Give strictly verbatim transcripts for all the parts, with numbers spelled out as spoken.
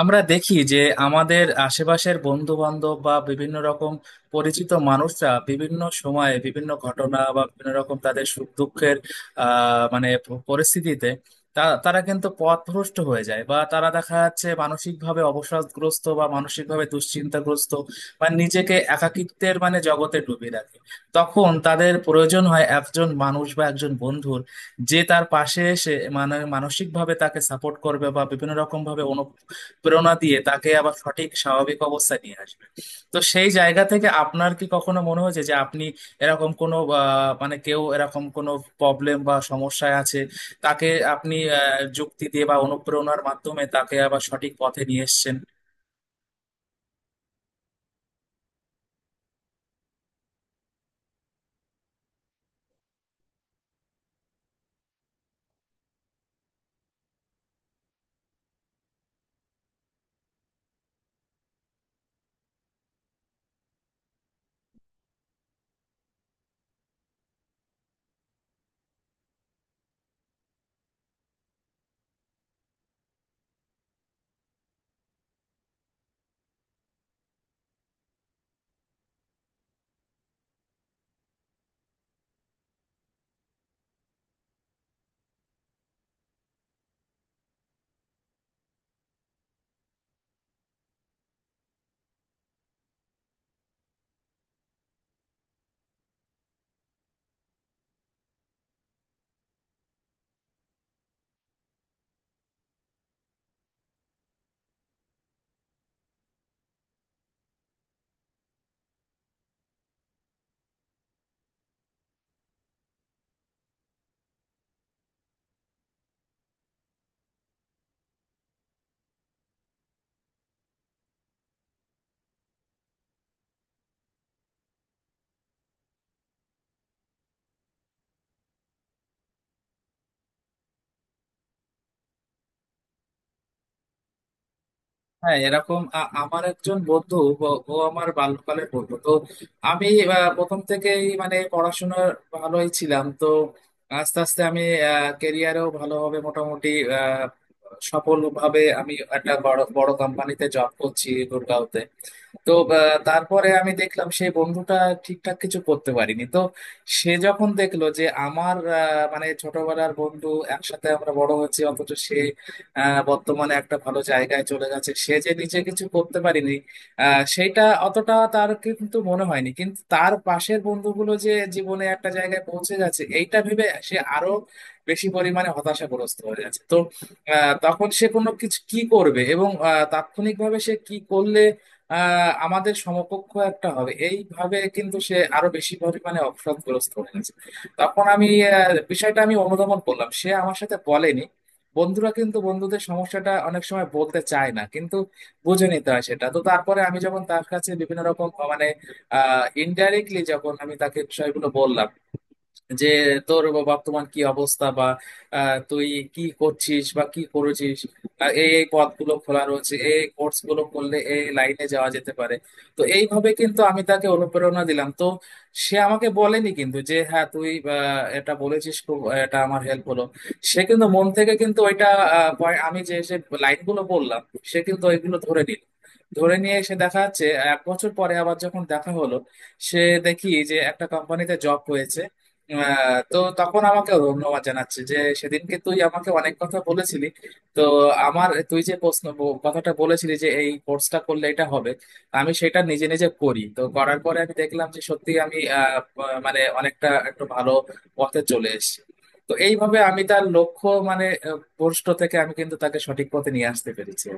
আমরা দেখি যে আমাদের আশেপাশের বন্ধু বান্ধব বা বিভিন্ন রকম পরিচিত মানুষরা বিভিন্ন সময়ে বিভিন্ন ঘটনা বা বিভিন্ন রকম তাদের সুখ দুঃখের আহ মানে প- পরিস্থিতিতে তা- তারা কিন্তু পথভ্রষ্ট হয়ে যায় বা তারা দেখা যাচ্ছে মানসিকভাবে অবসাদগ্রস্ত বা মানসিকভাবে দুশ্চিন্তাগ্রস্ত বা নিজেকে একাকিত্বের মানে জগতে ডুবিয়ে রাখে। তখন তাদের প্রয়োজন হয় একজন মানুষ বা একজন বন্ধুর, যে তার পাশে এসে মানে মানসিকভাবে তাকে সাপোর্ট করবে বা বিভিন্ন রকম ভাবে প্রেরণা দিয়ে তাকে আবার সঠিক স্বাভাবিক অবস্থায় নিয়ে আসবে। তো সেই জায়গা থেকে আপনার কি কখনো মনে হয়েছে যে আপনি এরকম কোনো আহ, মানে কেউ এরকম কোনো প্রবলেম বা সমস্যায় আছে, তাকে আপনি আহ, যুক্তি দিয়ে বা অনুপ্রেরণার মাধ্যমে তাকে আবার সঠিক পথে নিয়ে এসেছেন? হ্যাঁ, এরকম আ- আমার একজন বন্ধু, ব- ও আমার বাল্যকালের বন্ধু। তো আমি আহ, প্রথম থেকেই মানে পড়াশোনা ভালোই ছিলাম। তো আস্তে আস্তে আমি কেরিয়ারেও ভালোভাবে মোটামুটি আহ, সফলভাবে আমি একটা বড় বড় কোম্পানিতে জব করছি গুরগাঁওতে। তো আহ, তারপরে আমি দেখলাম সেই বন্ধুটা ঠিকঠাক কিছু করতে পারিনি। তো সে যখন দেখলো যে আমার আহ, মানে ছোটবেলার বন্ধু, একসাথে আমরা বড় হয়েছি, অথচ সে আহ, বর্তমানে একটা ভালো জায়গায় চলে গেছে, সে যে নিজে কিছু করতে পারিনি আহ, সেইটা অতটা তার কিন্তু মনে হয়নি, কিন্তু তার পাশের বন্ধুগুলো যে জীবনে একটা জায়গায় পৌঁছে গেছে এইটা ভেবে সে আরো বেশি পরিমাণে হতাশাগ্রস্ত হয়ে গেছে। তো আহ, তখন সে কোনো কিছু কি করবে এবং আহ, তাৎক্ষণিকভাবে সে কি করলে আহ আমাদের সমকক্ষ একটা হবে, এইভাবে কিন্তু সে আরো বেশি পরিমাণে অপরাধগ্রস্ত হয়ে গেছে। তখন আমি আহ, বিষয়টা আমি অনুধাবন করলাম, সে আমার সাথে বলেনি। বন্ধুরা কিন্তু বন্ধুদের সমস্যাটা অনেক সময় বলতে চায় না, কিন্তু বুঝে নিতে হয় সেটা। তো তারপরে আমি যখন তার কাছে বিভিন্ন রকম মানে আহ ইনডাইরেক্টলি যখন আমি তাকে বিষয়গুলো বললাম, যে তোর বর্তমান কি অবস্থা, বা আহ, তুই কি করছিস বা কি করেছিস, আহ, এই এই পথগুলো খোলা রয়েছে, এই এই কোর্স গুলো করলে এই লাইনে যাওয়া যেতে পারে। তো এইভাবে কিন্তু আমি তাকে অনুপ্রেরণা দিলাম। তো সে আমাকে বলেনি কিন্তু, যে হ্যাঁ তুই আহ, এটা বলেছিস খুব আহ, এটা আমার হেল্প হলো। সে কিন্তু মন থেকে কিন্তু ওইটা আহ, পয়- আমি যে যে লাইনগুলো বললাম সে কিন্তু ওইগুলো ধরে নিল। ধরে নিয়ে এসে দেখা যাচ্ছে এক বছর পরে আবার যখন দেখা হলো, সে, দেখি যে একটা কোম্পানিতে জব হয়েছে। আহ, তো তখন আমাকে ধন্যবাদ জানাচ্ছে যে সেদিনকে তুই আমাকে অনেক কথা বলেছিলি। তো আমার তুই যে প্রশ্ন ব- কথাটা বলেছিলি যে এই কোর্সটা করলে এটা হবে, আমি সেটা নিজে নিজে করি। তো করার পরে আমি দেখলাম যে সত্যি আমি আহ, আহ, মানে অনেকটা একটু ভালো পথে চলে এসেছি। তো এইভাবে আমি তার লক্ষ্য মানে আহ, ভ্রষ্ট থেকে আমি কিন্তু তাকে সঠিক পথে নিয়ে আসতে পেরেছি।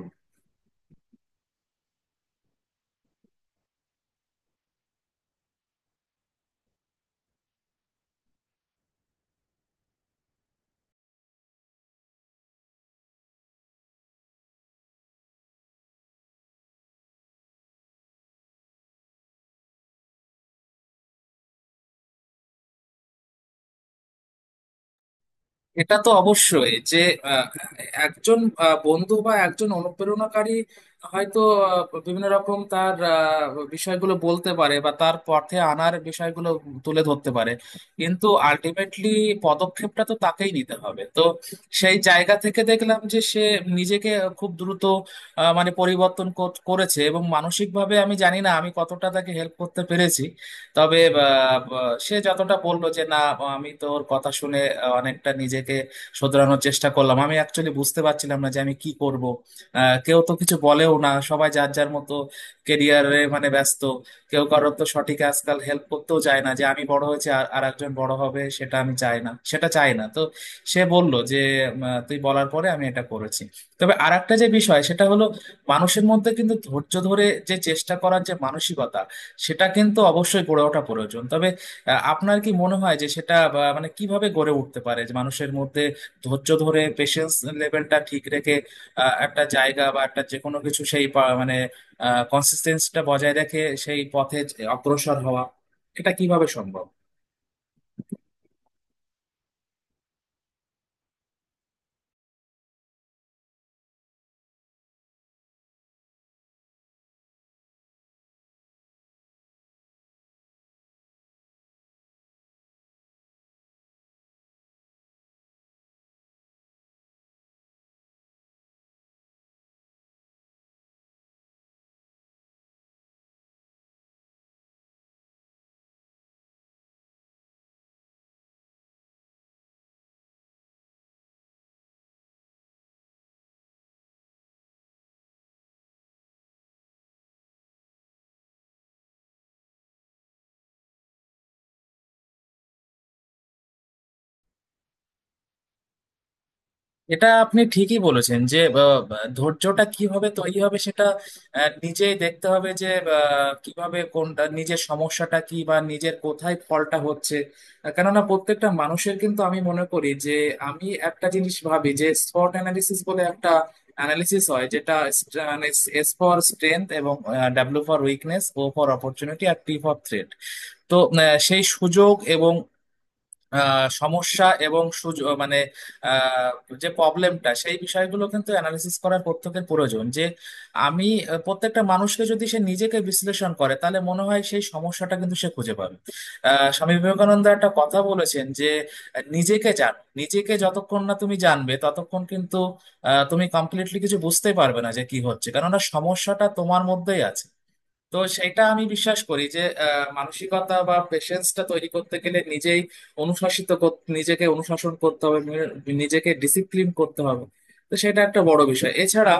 এটা তো অবশ্যই, যে আহ, একজন আহ, বন্ধু বা একজন অনুপ্রেরণাকারী হয়তো আহ, বিভিন্ন রকম তার আহ, বিষয়গুলো বলতে পারে বা তার পথে আনার বিষয়গুলো তুলে ধরতে পারে, কিন্তু আলটিমেটলি পদক্ষেপটা তো তাকেই নিতে হবে। তো সেই জায়গা থেকে দেখলাম যে সে নিজেকে খুব দ্রুত আহ, মানে পরিবর্তন কর- করেছে, এবং মানসিকভাবে আমি জানি না আমি কতটা তাকে হেল্প করতে পেরেছি। তবে আহ, ব- সে যতটা বললো যে না আমি তোর কথা শুনে আহ, অনেকটা নিজেকে শোধরানোর চেষ্টা করলাম, আমি অ্যাকচুয়ালি বুঝতে পারছিলাম না যে আমি কি করব। আহ, কেউ তো কিছু বলেও না, সবাই যার যার মতো কেরিয়ারে মানে ব্যস্ত। কেউ কারোর তো সঠিক আজকাল হেল্প করতেও চায় না, যে আমি বড় হয়েছি আর আর একজন বড় হবে সেটা আমি চাই না, সেটা চাই না। তো সে বলল যে উম, আহ, তুই বলার পরে আমি এটা করেছি। তবে আর একটা যে বিষয় সেটা হলো, মানুষের মধ্যে কিন্তু ধৈর্য ধরে যে চেষ্টা করার যে মানসিকতা, সেটা কিন্তু অবশ্যই গড়ে ওঠা প্রয়োজন। তবে আহ, আপনার কি মনে হয় যে সেটা বা, মানে কিভাবে গড়ে উঠতে পারে, যে মানুষের মধ্যে ধৈর্য ধরে পেশেন্স লেভেলটা ঠিক রেখে আহ, একটা জায়গা বা একটা যে কোনো কিছু সেই পা- মানে কনসিস্টেন্সিটা বজায় রেখে সেই পথে অগ্রসর হওয়া, এটা কিভাবে সম্ভব? এটা আপনি ঠিকই বলেছেন, যে আহ, ধৈর্যটা কিভাবে তৈরি হবে সেটা আহ, নিজেই দেখতে হবে, যে আহ, কিভাবে কোনটা নিজের সমস্যাটা কি বা নিজের কোথায় ফলটা হচ্ছে। আহ, কেননা প্রত্যেকটা মানুষের কিন্তু আমি মনে করি যে, আমি একটা জিনিস ভাবি যে স্পট অ্যানালিসিস বলে একটা অ্যানালিসিস হয়, যেটা st- মানে এস ফর স্ট্রেংথ, এবং W for weakness, O for opportunity, আর টি ফর থ্রেট। তো আহ, সেই সুযোগ এবং আহ, সমস্যা এবং সুযোগ মানে আহ, যে প্রবলেমটা, সেই বিষয়গুলো কিন্তু অ্যানালিসিস করার প্রত্যেকের প্রয়োজন, যে আমি আহ, প্রত্যেকটা মানুষকে, যদি সে নিজেকে বিশ্লেষণ করে তাহলে মনে হয় সেই সমস্যাটা কিন্তু সে খুঁজে পাবে। আহ, স্বামী বিবেকানন্দ একটা কথা বলেছেন যে আহ, নিজেকে জানো, নিজেকে যতক্ষণ না তুমি জানবে ততক্ষণ কিন্তু আহ, তুমি কমপ্লিটলি কিছু বুঝতে পারবে না যে কি হচ্ছে, কেননা সমস্যাটা তোমার মধ্যেই আছে। তো সেটা আমি বিশ্বাস করি যে আহ, মানসিকতা বা পেশেন্সটা তৈরি করতে গেলে নিজেই অনুশাসিত কর- নিজেকে অনুশাসন করতে হবে, নি- নিজেকে ডিসিপ্লিন করতে হবে। তো সেটা একটা বড় বিষয়। এছাড়া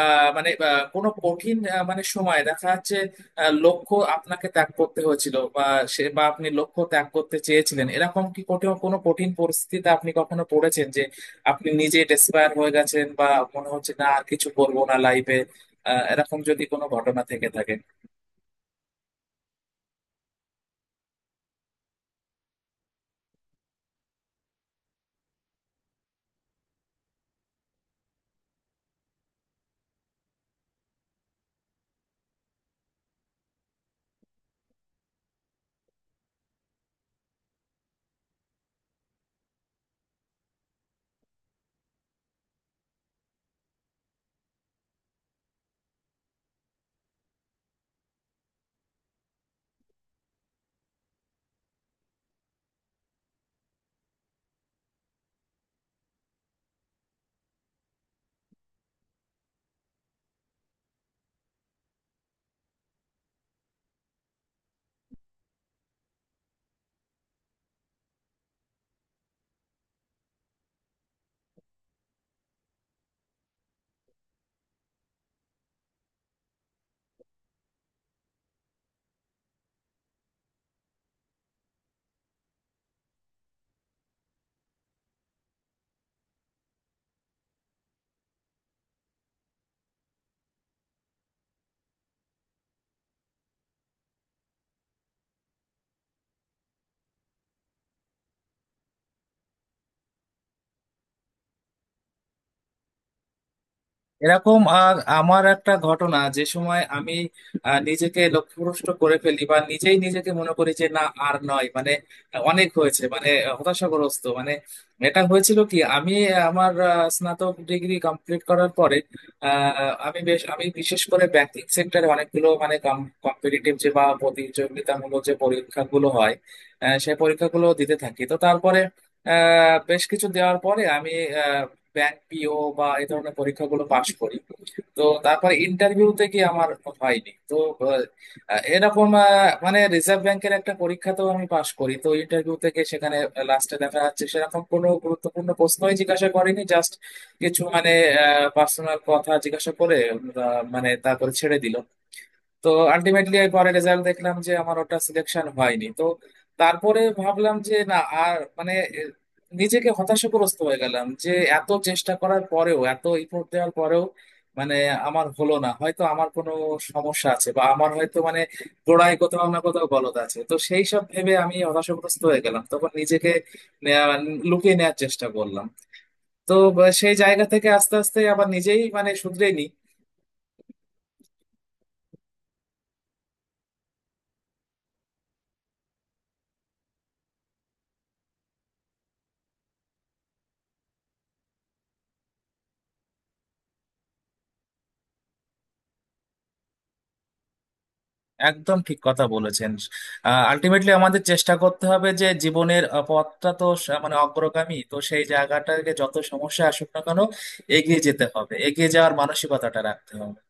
আহ, মানে আহ, কোনো কঠিন আহ, মানে সময় দেখা যাচ্ছে আহ, লক্ষ্য আপনাকে ত্যাগ করতে হয়েছিল, বা সে বা আপনি লক্ষ্য ত্যাগ করতে চেয়েছিলেন, এরকম কি কোনো কোনো কঠিন পরিস্থিতিতে আপনি কখনো পড়েছেন যে আপনি নিজে ডেসপায়ার হয়ে গেছেন, বা মনে হচ্ছে না আর কিছু করবো না লাইফে, এরকম যদি কোনো ঘটনা থেকে থাকে? এরকম আর আমার একটা ঘটনা, যে সময় আমি আহ, নিজেকে লক্ষ্যভ্রষ্ট করে ফেলি বা নিজেই নিজেকে মনে করি যে না আর নয় মানে অনেক হয়েছে মানে হতাশাগ্রস্ত মানে, এটা হয়েছিল কি আমি আমার আহ, স্নাতক ডিগ্রি কমপ্লিট করার পরে আহ, আমি বেশ আমি বিশেষ করে ব্যাংকিং সেক্টরে অনেকগুলো মানে কম্পিটিটিভ যে বা প্রতিযোগিতামূলক যে পরীক্ষাগুলো হয়, আহ, সেই পরীক্ষাগুলো দিতে থাকি। তো তারপরে আহ, বেশ কিছু দেওয়ার পরে আমি ব্যাংক পিও বা এই ধরনের পরীক্ষাগুলো পাশ করি। তো তারপরে ইন্টারভিউতে কি আমার হয়নি। তো আহ, এরকম আহ, মানে রিজার্ভ ব্যাংকের একটা পরীক্ষাতেও আমি পাশ করি। তো ইন্টারভিউ থেকে সেখানে লাস্টে দেখা যাচ্ছে সেরকম কোনো গুরুত্বপূর্ণ প্রশ্নই জিজ্ঞাসা করেনি, জাস্ট কিছু মানে পার্সোনাল কথা জিজ্ঞাসা করে আহ, মানে তারপরে ছেড়ে দিল। তো আলটিমেটলি পরে রেজাল্ট দেখলাম যে আমার ওটা সিলেকশন হয়নি। তো তারপরে ভাবলাম যে না আর মানে আহ, নিজেকে হতাশাগ্রস্ত হয়ে গেলাম, যে এত চেষ্টা করার পরেও এত ইফোর্ট দেওয়ার পরেও মানে আমার হলো না, হয়তো আমার কোনো সমস্যা আছে, বা আমার হয়তো মানে গোড়ায় কোথাও না কোথাও গলদ আছে। তো সেই সব ভেবে আমি হতাশাগ্রস্ত হয়ে গেলাম, তখন নিজেকে আহ, লুকিয়ে নেওয়ার চেষ্টা করলাম। তো আহ, সেই জায়গা থেকে আস্তে আস্তে আবার নিজেই মানে শুধরে। একদম ঠিক কথা বলেছেন। আলটিমেটলি আমাদের চেষ্টা করতে হবে, যে জীবনের আহ, পথটা তো স- মানে অগ্রগামী, তো সেই জায়গাটাকে যত সমস্যা আসুক না কেন এগিয়ে যেতে হবে, এগিয়ে যাওয়ার মানসিকতাটা রাখতে হবে।